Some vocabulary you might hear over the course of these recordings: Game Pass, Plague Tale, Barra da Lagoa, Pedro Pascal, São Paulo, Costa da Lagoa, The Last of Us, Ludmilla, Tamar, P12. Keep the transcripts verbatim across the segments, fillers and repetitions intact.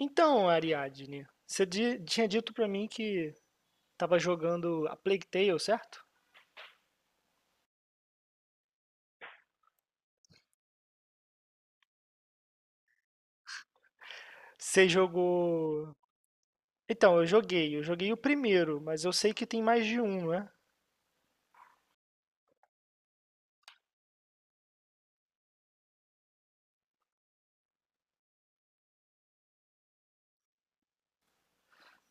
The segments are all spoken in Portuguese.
Então, Ariadne, você di- tinha dito pra mim que tava jogando a Plague Tale, certo? Você jogou. Então, eu joguei, eu joguei o primeiro, mas eu sei que tem mais de um, né?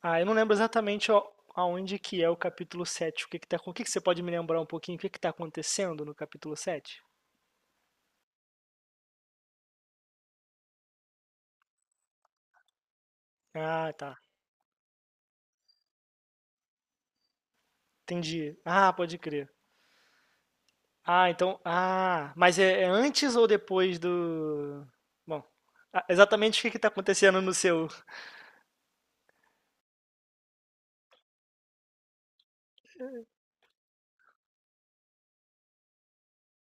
Ah, eu não lembro exatamente a- aonde que é o capítulo sete. O que que tá, o que que você pode me lembrar um pouquinho, o que que tá acontecendo no capítulo sete? Ah, tá. Entendi. Ah, pode crer. Ah, então, ah, mas é, é antes ou depois do. Bom, ah, exatamente o que que tá acontecendo no seu?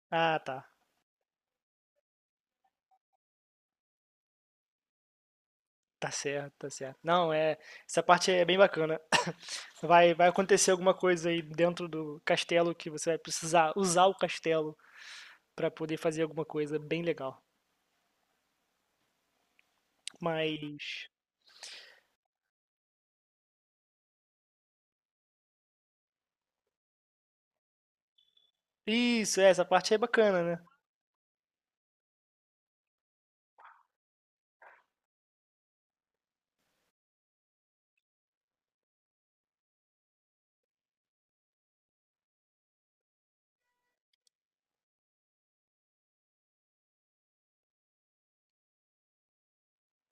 Ah, tá. Tá certo, tá certo. Não, é, essa parte é bem bacana. Vai, vai acontecer alguma coisa aí dentro do castelo que você vai precisar usar o castelo pra poder fazer alguma coisa bem legal. Mas isso, é, essa parte é bacana, né?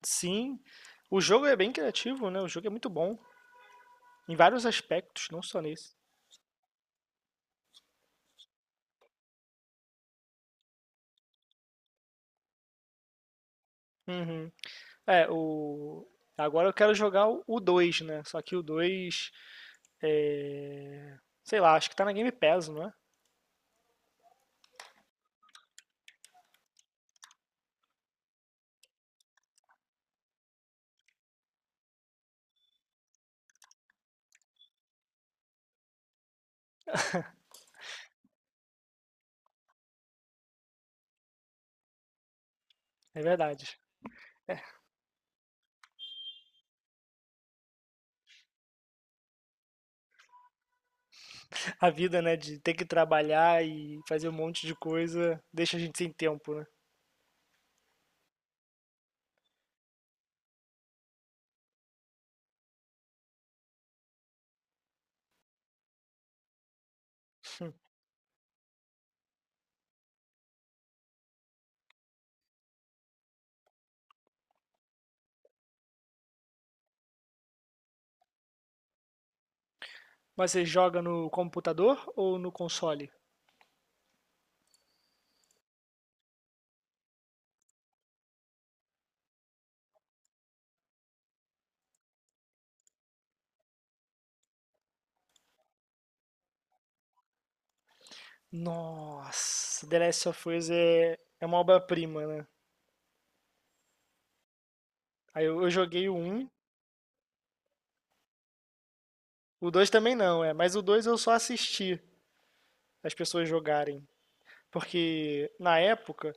Sim. O jogo é bem criativo, né? O jogo é muito bom em vários aspectos, não só nesse. Uhum. É, o agora eu quero jogar o o dois, né? Só que o dois é, sei lá, acho que tá na Game Pass, não é? É verdade. A vida, né, de ter que trabalhar e fazer um monte de coisa, deixa a gente sem tempo, né? Mas você joga no computador ou no console? Nossa, The Last of Us é, é uma obra-prima, né? Aí eu, eu joguei o um, o dois também não, é, mas o dois eu só assisti as pessoas jogarem. Porque na época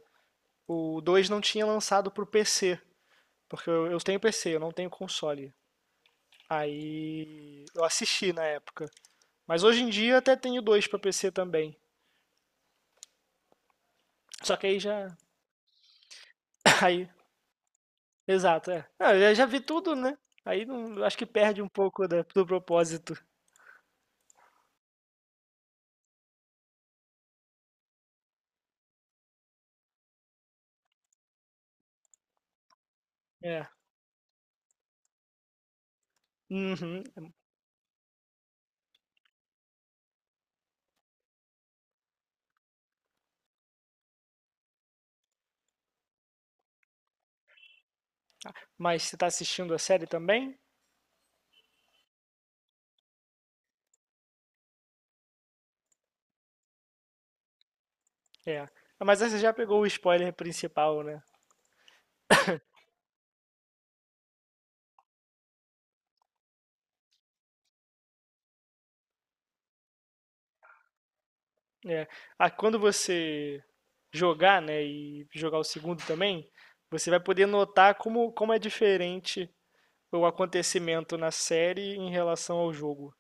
o dois não tinha lançado pro P C. Porque eu, eu tenho P C, eu não tenho console. Aí eu assisti na época. Mas hoje em dia até tenho dois pra P C também. Só que aí já. Aí, exato, é. Ah, eu já vi tudo, né? Aí não, acho que perde um pouco da- do propósito. É. Uhum. Mas você tá assistindo a série também? É. Ah, mas aí você já pegou o spoiler principal, né? É. Ah, quando você jogar, né, e jogar o segundo também, você vai poder notar como, como é diferente o acontecimento na série em relação ao jogo.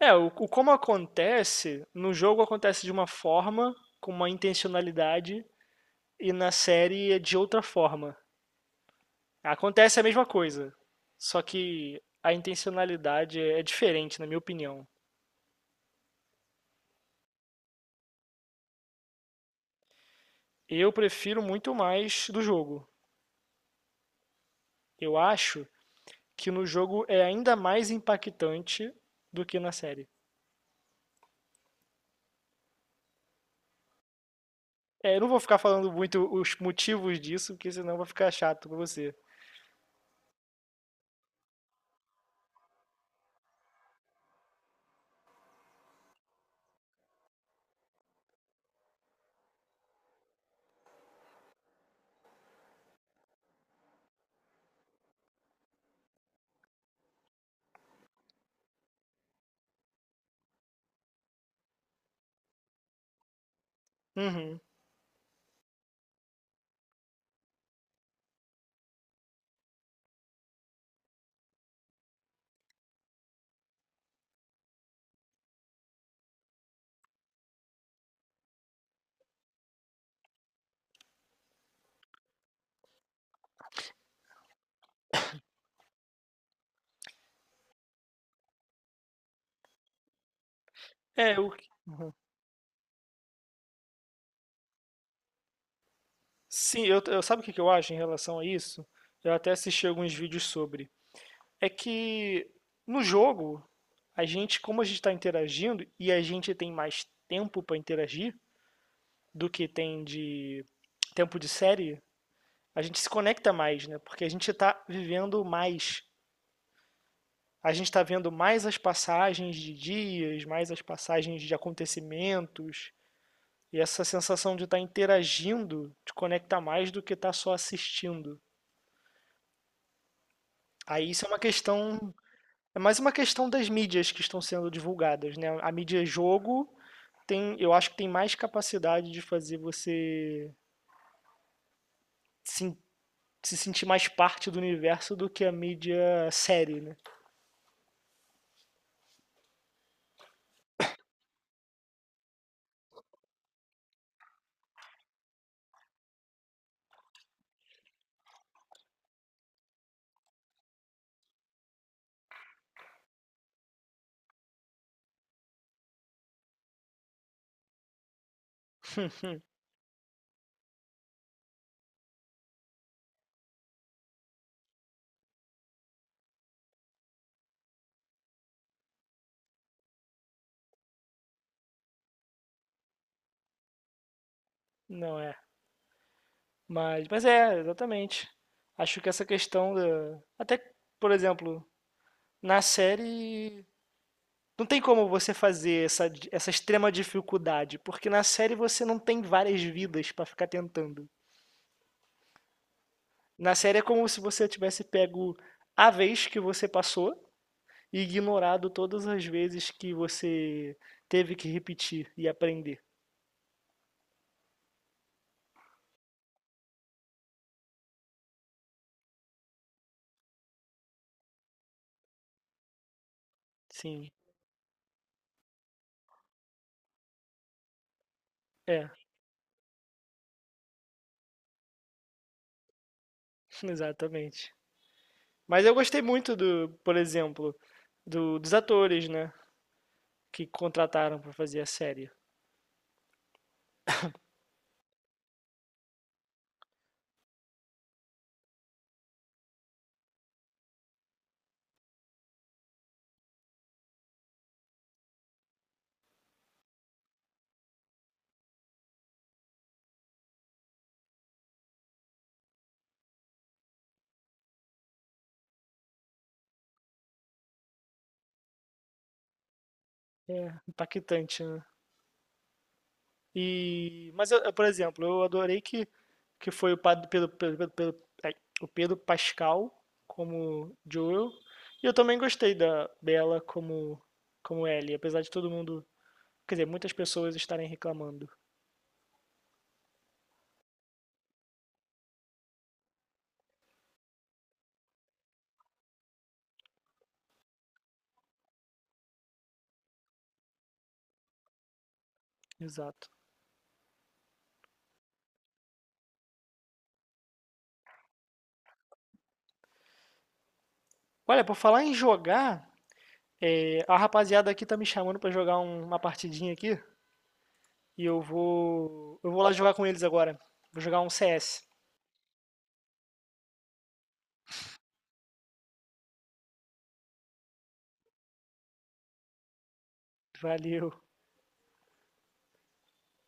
É, o, o como acontece, no jogo acontece de uma forma, com uma intencionalidade, e na série é de outra forma. Acontece a mesma coisa, só que a intencionalidade é diferente, na minha opinião. Eu prefiro muito mais do jogo. Eu acho que no jogo é ainda mais impactante do que na série. É, eu não vou ficar falando muito os motivos disso, porque senão vai ficar chato pra você. Uhum. É, eu, sim, eu, eu- sabe o que que eu acho em relação a isso? Eu até assisti alguns vídeos sobre. É que no jogo, a gente, como a gente está interagindo e a gente tem mais tempo para interagir do que tem de tempo de série, a gente se conecta mais, né? Porque a gente está vivendo mais. A gente está vendo mais as passagens de dias, mais as passagens de acontecimentos. E essa sensação de estar tá interagindo te conecta mais do que estar tá só assistindo. Aí isso é uma questão. É mais uma questão das mídias que estão sendo divulgadas, né? A mídia é jogo tem, eu acho que tem mais capacidade de fazer você se, se sentir mais parte do universo do que a mídia série, né? Não é. Mas, mas é, exatamente. Acho que essa questão da. Até, por exemplo, na série. Não tem como você fazer essa, essa extrema dificuldade, porque na série você não tem várias vidas pra ficar tentando. Na série é como se você tivesse pego a vez que você passou e ignorado todas as vezes que você teve que repetir e aprender. Sim. É, exatamente. Mas eu gostei muito do, por exemplo, do- dos atores, né, que contrataram para fazer a série. É impactante, né? E, mas eu, eu, por exemplo, eu adorei que que foi o Pad- Pedro, Pedro, Pedro- Pedro- ai, o Pedro Pascal como Joel. E eu também gostei da Bella como como Ellie, apesar de todo mundo, quer dizer, muitas pessoas estarem reclamando. Exato. Olha, por falar em jogar, é, a rapaziada aqui tá me chamando pra jogar um- uma partidinha aqui e eu vou, eu vou lá jogar com eles agora. Vou jogar um C S. Valeu.